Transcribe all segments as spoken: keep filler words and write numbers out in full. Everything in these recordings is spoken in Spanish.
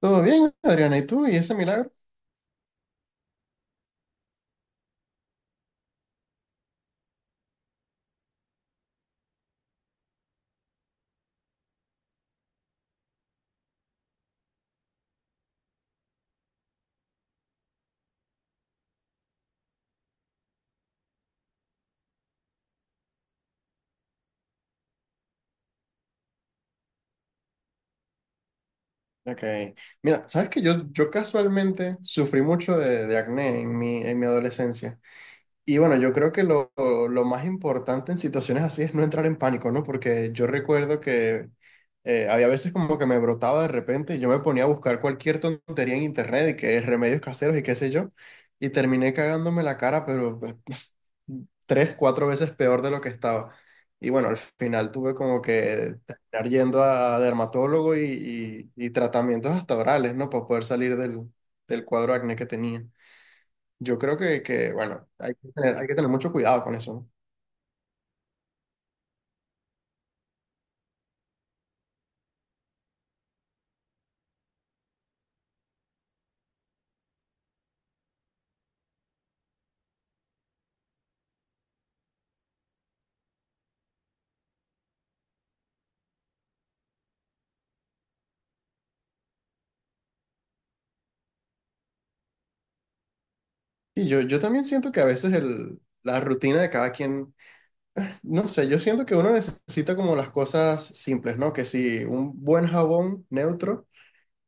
Todo bien, Adriana, ¿y tú? ¿Y ese milagro? Ok. Mira, sabes que yo, yo casualmente sufrí mucho de, de acné en mi, en mi adolescencia. Y bueno, yo creo que lo, lo más importante en situaciones así es no entrar en pánico, ¿no? Porque yo recuerdo que eh, había veces como que me brotaba de repente y yo me ponía a buscar cualquier tontería en internet y que remedios caseros y qué sé yo. Y terminé cagándome la cara, pero pues, tres, cuatro veces peor de lo que estaba. Y bueno, al final tuve como que terminar yendo a dermatólogo y, y- y tratamientos hasta orales, ¿no? Para poder salir del, del cuadro de acné que tenía. Yo creo que, que, bueno, hay que tener, hay que tener mucho cuidado con eso, ¿no? Y yo, yo también siento que a veces el, la rutina de cada quien, eh, no sé, yo siento que uno necesita como las cosas simples, ¿no? Que si un buen jabón neutro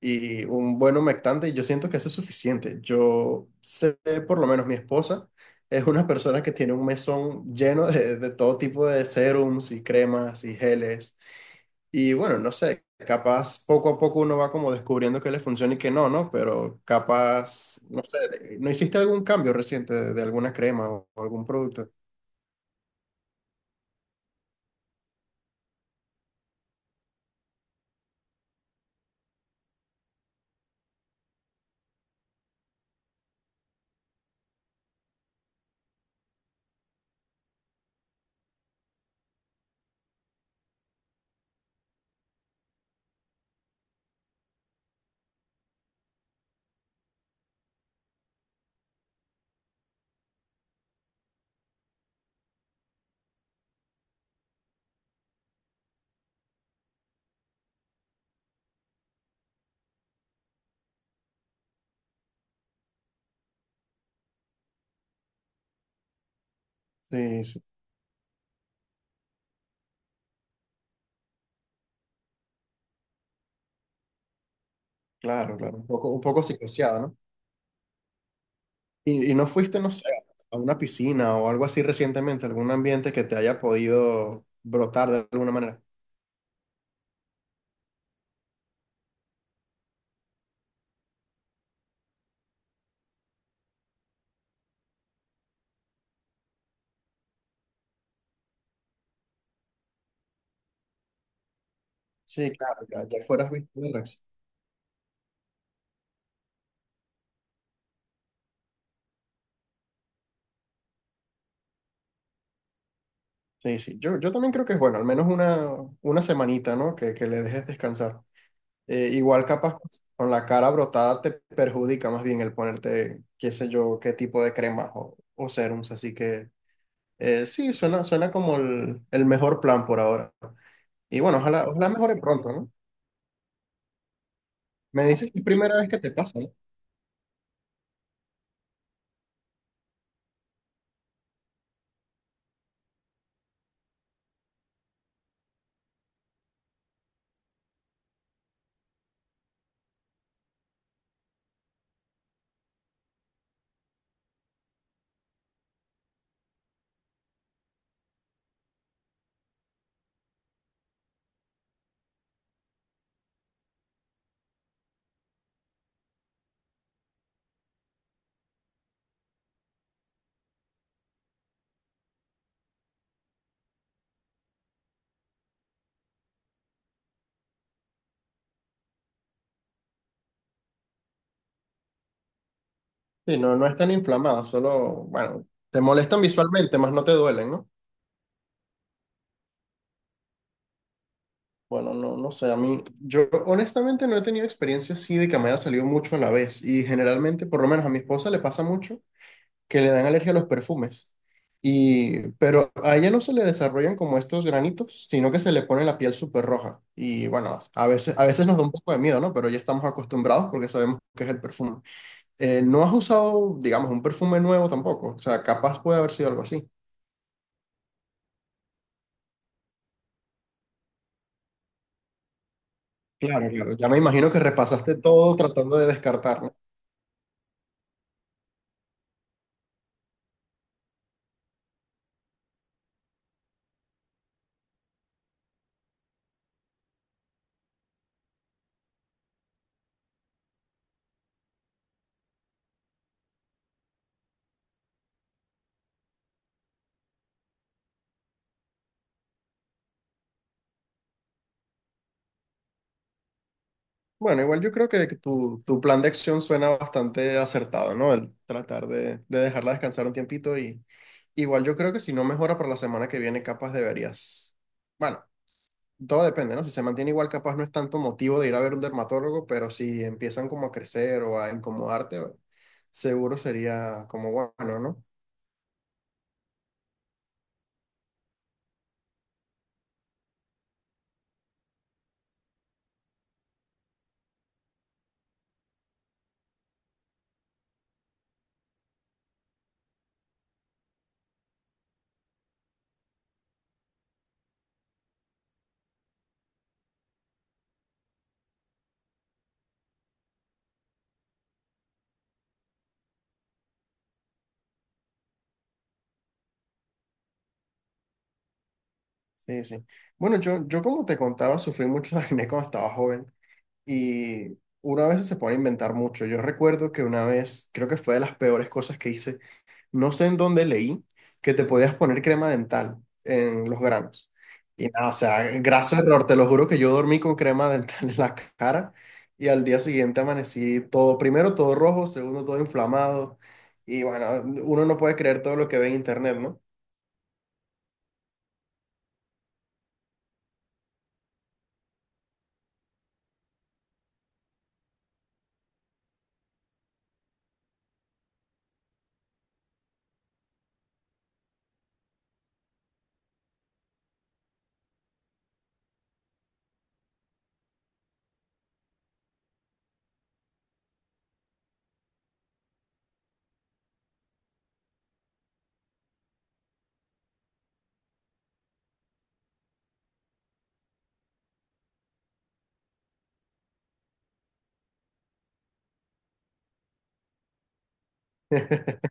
y un buen humectante, y yo siento que eso es suficiente. Yo sé, por lo menos mi esposa es una persona que tiene un mesón lleno de, de todo tipo de serums y cremas y geles. Y bueno, no sé, capaz poco a poco uno va como descubriendo que le funciona y que no, ¿no? Pero capaz, no sé, ¿no hiciste algún cambio reciente de, de alguna crema o, o algún producto? Sí, sí, claro, claro, un poco, un poco psicoseada, ¿no? ¿Y, y no fuiste, no sé, a una piscina o algo así recientemente, algún ambiente que te haya podido brotar de alguna manera? Sí, claro, ya, ya fueras visto de res. Sí, sí, yo, yo también creo que es bueno, al menos una, una semanita, ¿no? Que, que le dejes descansar. Eh, igual capaz con la cara brotada te perjudica más bien el ponerte, qué sé yo, qué tipo de cremas o, o serums, así que eh, sí, suena, suena como el, el mejor plan por ahora. Y bueno, ojalá, ojalá mejore pronto, ¿no? Me dices que es primera vez que te pasa, ¿no? Sí, no, no están inflamadas, solo, bueno, te molestan visualmente, más no te duelen, ¿no? Bueno, no, no sé, a mí, yo honestamente no he tenido experiencia así de que me haya salido mucho a la vez y generalmente, por lo menos a mi esposa le pasa mucho que le dan alergia a los perfumes y, pero a ella no se le desarrollan como estos granitos, sino que se le pone la piel súper roja y bueno, a veces, a veces nos da un poco de miedo, ¿no? Pero ya estamos acostumbrados porque sabemos que es el perfume. Eh, ¿no has usado, digamos, un perfume nuevo tampoco? O sea, capaz puede haber sido algo así. Claro, claro. Ya me imagino que repasaste todo tratando de descartar, ¿no? Bueno, igual yo creo que que tu, tu plan de acción suena bastante acertado, ¿no? El tratar de, de dejarla descansar un tiempito y igual yo creo que si no mejora para la semana que viene, capaz deberías. Bueno, todo depende, ¿no? Si se mantiene igual, capaz no es tanto motivo de ir a ver un dermatólogo, pero si empiezan como a crecer o a incomodarte, seguro sería como bueno, ¿no? Sí, sí. Bueno, yo, yo como te contaba, sufrí mucho de acné cuando estaba joven. Y una vez veces se pone a inventar mucho. Yo recuerdo que una vez, creo que fue de las peores cosas que hice, no sé en dónde leí, que te podías poner crema dental en los granos. Y nada, o sea, graso error, te lo juro que yo dormí con crema dental en la cara y al día siguiente amanecí todo, primero todo rojo, segundo todo inflamado. Y bueno, uno no puede creer todo lo que ve en internet, ¿no?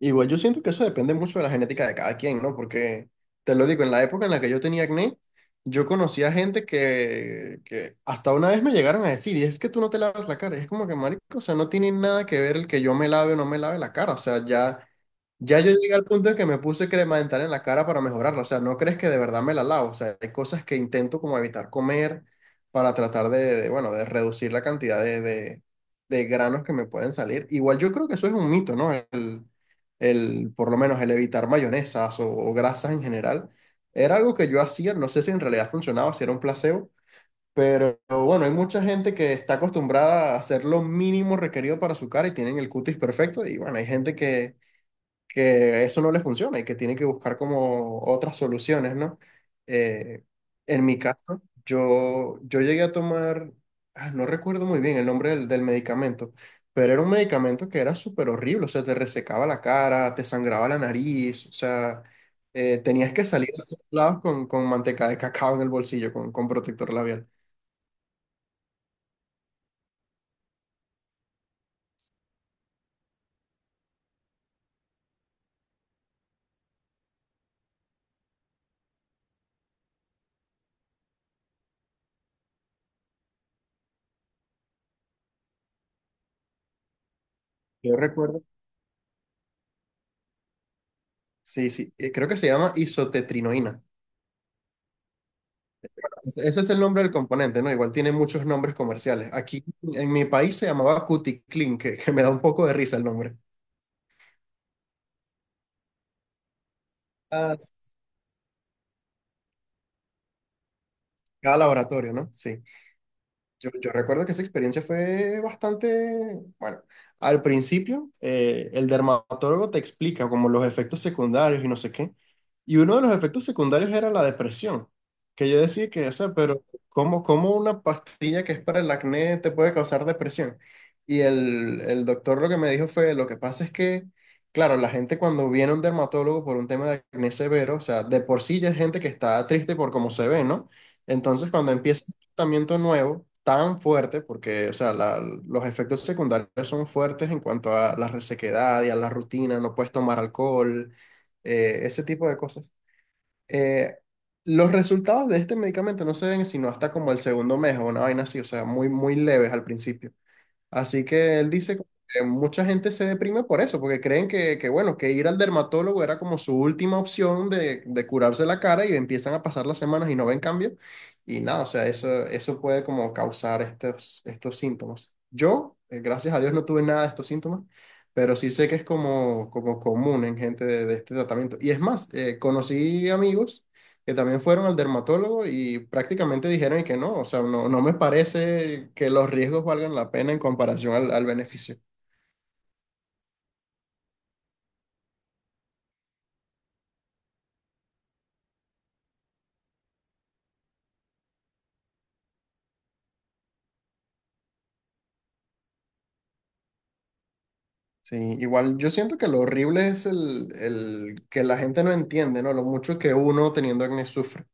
Igual yo siento que eso depende mucho de la genética de cada quien, ¿no? Porque, te lo digo, en la época en la que yo tenía acné, yo conocía gente que, que hasta una vez me llegaron a decir, y es que tú no te lavas la cara, y es como que, marico, o sea, no tiene nada que ver el que yo me lave o no me lave la cara, o sea, ya ya yo llegué al punto de que me puse crema dental en la cara para mejorarla. O sea, no crees que de verdad me la lavo. O sea, hay cosas que intento como evitar comer para tratar de, de, bueno, de reducir la cantidad de, de- de granos que me pueden salir. Igual yo creo que eso es un mito, ¿no? El, el, por lo menos el evitar mayonesas o, o grasas en general. Era algo que yo hacía, no sé si en realidad funcionaba, si era un placebo, pero bueno, hay mucha gente que está acostumbrada a hacer lo mínimo requerido para su cara y tienen el cutis perfecto y bueno, hay gente que que eso no le funciona y que tiene que buscar como otras soluciones, ¿no? Eh, en mi caso, yo, yo llegué a tomar, ah, no recuerdo muy bien el nombre del, del medicamento, pero era un medicamento que era súper horrible, o sea, te resecaba la cara, te sangraba la nariz, o sea, eh, tenías que salir a todos lados con, con manteca de cacao en el bolsillo, con, con protector labial. Yo recuerdo, sí, sí, eh, creo que se llama isotetrinoína. Ese ese es el nombre del componente, ¿no? Igual tiene muchos nombres comerciales. Aquí en mi país se llamaba Cuticlin, que, que me da un poco de risa el nombre. Ah, sí. Cada laboratorio, ¿no? Sí. Yo, yo recuerdo que esa experiencia fue bastante, bueno, al principio eh, el dermatólogo te explica como los efectos secundarios y no sé qué, y uno de los efectos secundarios era la depresión, que yo decía que, o sea, pero ¿cómo, cómo una pastilla que es para el acné te puede causar depresión? Y el, el doctor lo que me dijo fue, lo que pasa es que, claro, la gente cuando viene a un dermatólogo por un tema de acné severo, o sea, de por sí ya es gente que está triste por cómo se ve, ¿no? Entonces, cuando empieza tratamiento nuevo tan fuerte, porque, o sea, la- los efectos secundarios son fuertes en cuanto a la resequedad y a la rutina, no puedes tomar alcohol, eh, ese tipo de cosas. Eh, los resultados de este medicamento no se ven sino hasta como el segundo mes o una vaina así, o sea, muy, muy leves al principio. Así que él dice que mucha gente se deprime por eso, porque creen que, que, bueno, que ir al dermatólogo era como su última opción de, de curarse la cara y empiezan a pasar las semanas y no ven cambio. Y nada, o sea, eso, eso puede como causar estos, estos síntomas. Yo, eh, gracias a Dios, no tuve nada de estos síntomas, pero sí sé que es como, como común en gente de, de este tratamiento. Y es más, eh, conocí amigos que también fueron al dermatólogo y prácticamente dijeron que no, o sea, no, no me parece que los riesgos valgan la pena en comparación al, al beneficio. Sí, igual yo siento que lo horrible es el, el que la gente no entiende, ¿no? Lo mucho que uno teniendo acné sufre.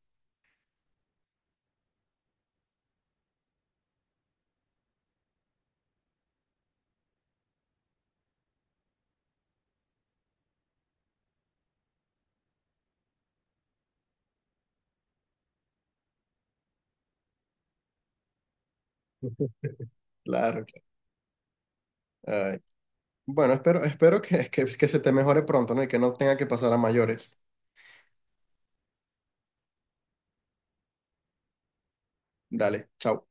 Claro, claro. Ay. Bueno, espero, espero que, que, que se te mejore pronto, ¿no? Y que no tenga que pasar a mayores. Dale, chao.